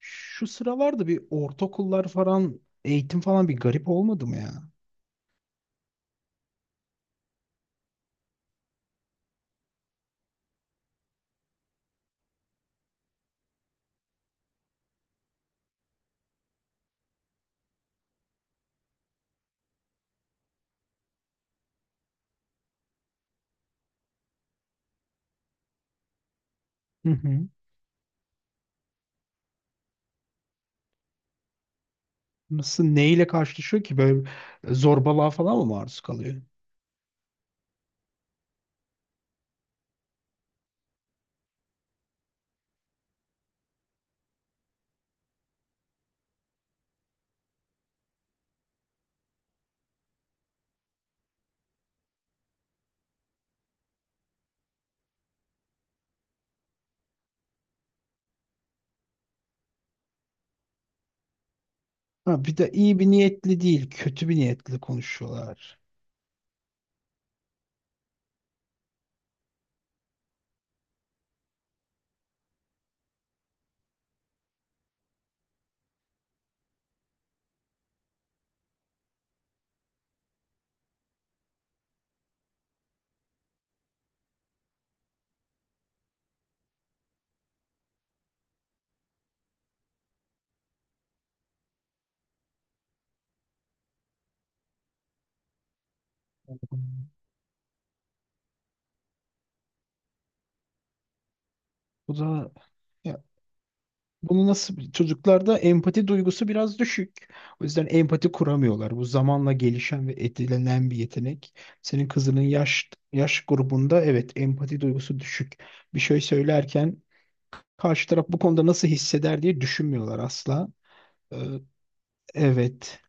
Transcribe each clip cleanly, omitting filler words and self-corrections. Şu sıralarda bir ortaokullar falan eğitim falan bir garip olmadı mı ya? Hı hı. Nasıl neyle karşılaşıyor ki böyle zorbalığa falan mı maruz kalıyor? Ha, bir de iyi bir niyetli değil, kötü bir niyetli konuşuyorlar. Bu da ya, bunu nasıl çocuklarda empati duygusu biraz düşük. O yüzden empati kuramıyorlar. Bu zamanla gelişen ve edinilen bir yetenek. Senin kızının yaş grubunda evet empati duygusu düşük. Bir şey söylerken karşı taraf bu konuda nasıl hisseder diye düşünmüyorlar asla. Ee, evet.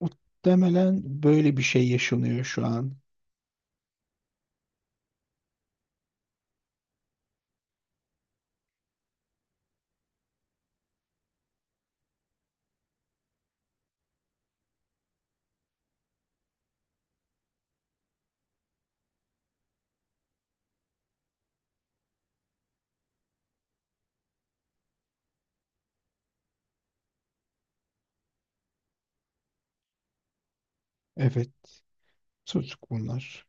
Muhtemelen böyle bir şey yaşanıyor şu an. Evet. Çocuk bunlar.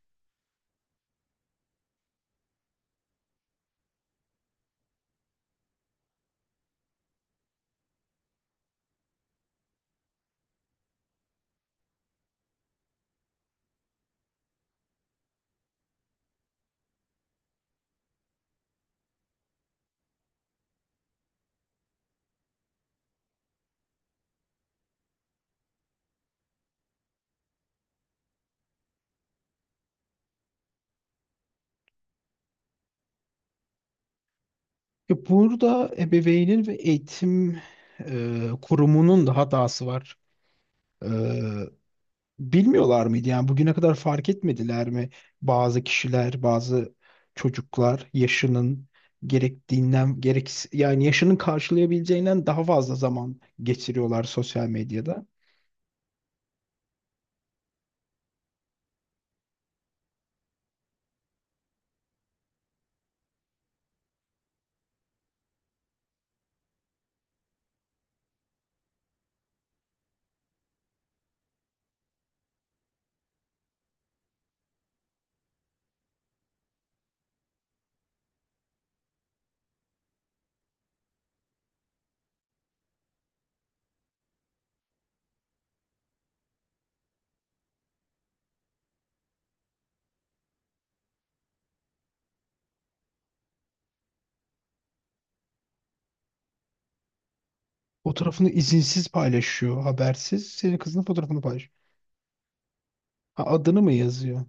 Ya burada ebeveynin ve eğitim kurumunun da hatası var. Ee, bilmiyorlar mıydı? Yani bugüne kadar fark etmediler mi? Bazı kişiler, bazı çocuklar yaşının gerektiğinden gerek yani yaşının karşılayabileceğinden daha fazla zaman geçiriyorlar sosyal medyada. Fotoğrafını izinsiz paylaşıyor, habersiz. Senin kızının fotoğrafını paylaşıyor. Ha, adını mı yazıyor?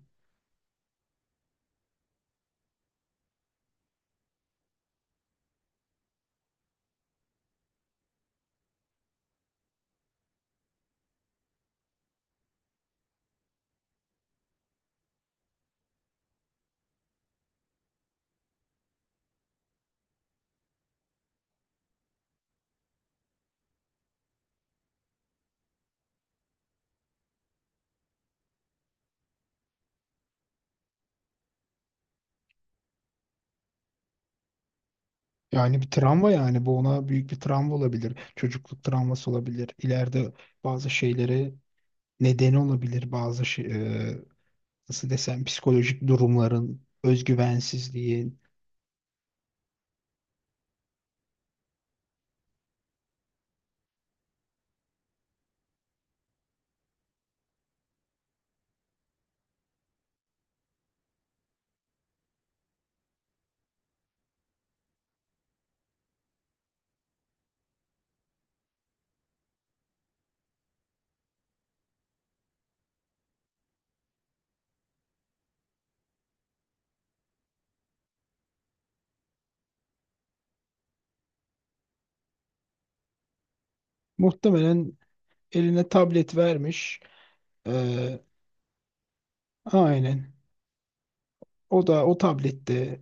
Yani bir travma yani bu ona büyük bir travma olabilir. Çocukluk travması olabilir. İleride bazı şeylere neden olabilir. Bazı şey, e, nasıl desem psikolojik durumların, özgüvensizliğin. Muhtemelen eline tablet vermiş. E, aynen. O da o tablette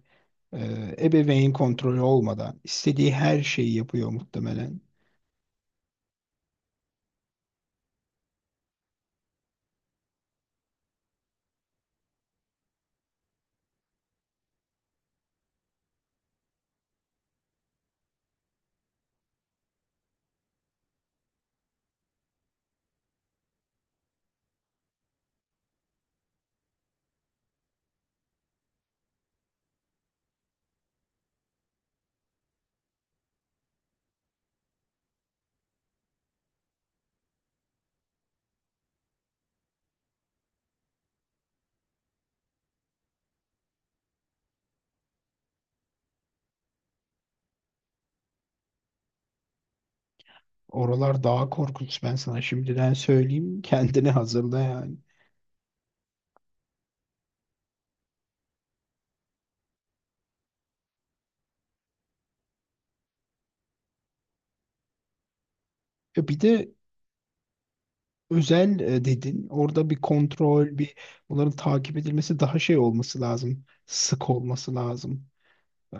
e, ebeveyn kontrolü olmadan istediği her şeyi yapıyor muhtemelen. Oralar daha korkunç ben sana şimdiden söyleyeyim. Kendini hazırla yani. E bir de özel dedin. Orada bir kontrol, bir bunların takip edilmesi daha şey olması lazım. Sık olması lazım. E,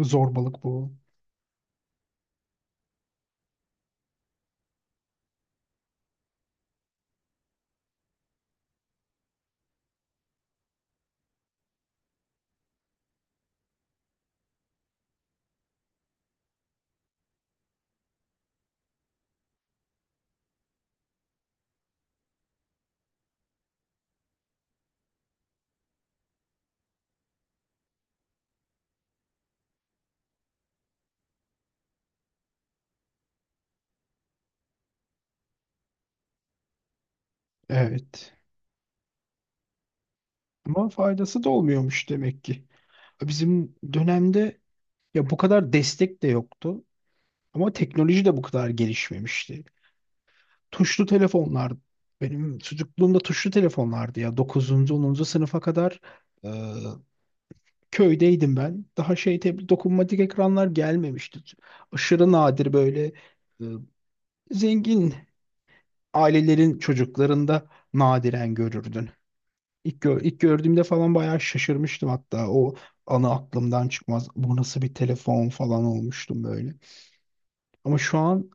zorbalık bu. Evet. Ama faydası da olmuyormuş demek ki. Bizim dönemde ya bu kadar destek de yoktu. Ama teknoloji de bu kadar gelişmemişti. Tuşlu telefonlar benim çocukluğumda tuşlu telefonlardı ya. Dokuzuncu onuncu sınıfa kadar e, köydeydim ben. Daha dokunmatik ekranlar gelmemişti. Aşırı nadir böyle e, zengin ailelerin çocuklarında nadiren görürdün. İlk gördüğümde falan bayağı şaşırmıştım, hatta o anı aklımdan çıkmaz. Bu nasıl bir telefon falan olmuştum böyle. Ama şu an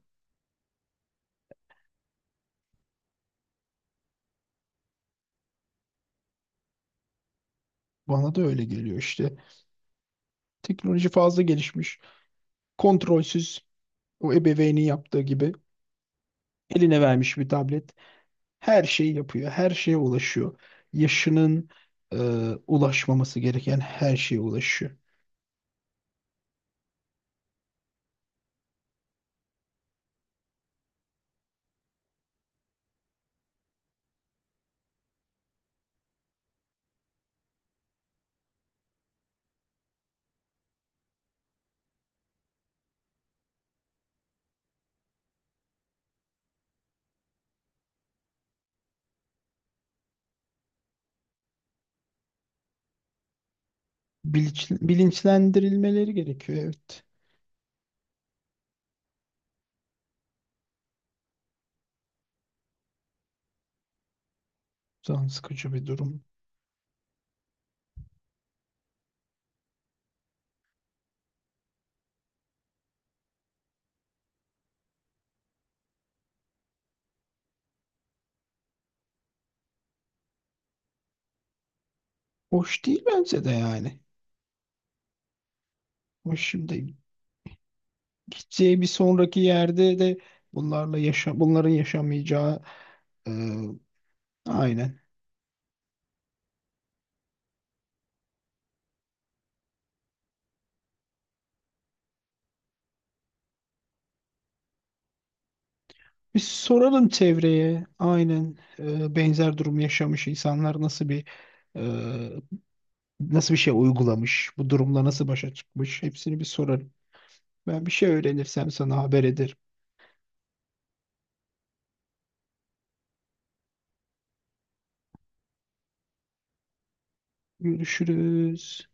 bana da öyle geliyor işte. Teknoloji fazla gelişmiş, kontrolsüz. O ebeveynin yaptığı gibi eline vermiş bir tablet, her şeyi yapıyor, her şeye ulaşıyor. Yaşının e, ulaşmaması gereken her şeye ulaşıyor. Bilinç, bilinçlendirilmeleri gerekiyor, evet. Can sıkıcı bir durum. Hoş değil bence de yani. Hoş şimdi gideceği bir sonraki yerde de bunlarla yaşa bunların yaşamayacağı e, aynen. Biz soralım çevreye, aynen, benzer durum yaşamış insanlar nasıl bir e, nasıl bir şey uygulamış, bu durumla nasıl başa çıkmış hepsini bir sorarım. Ben bir şey öğrenirsem sana haber ederim. Görüşürüz.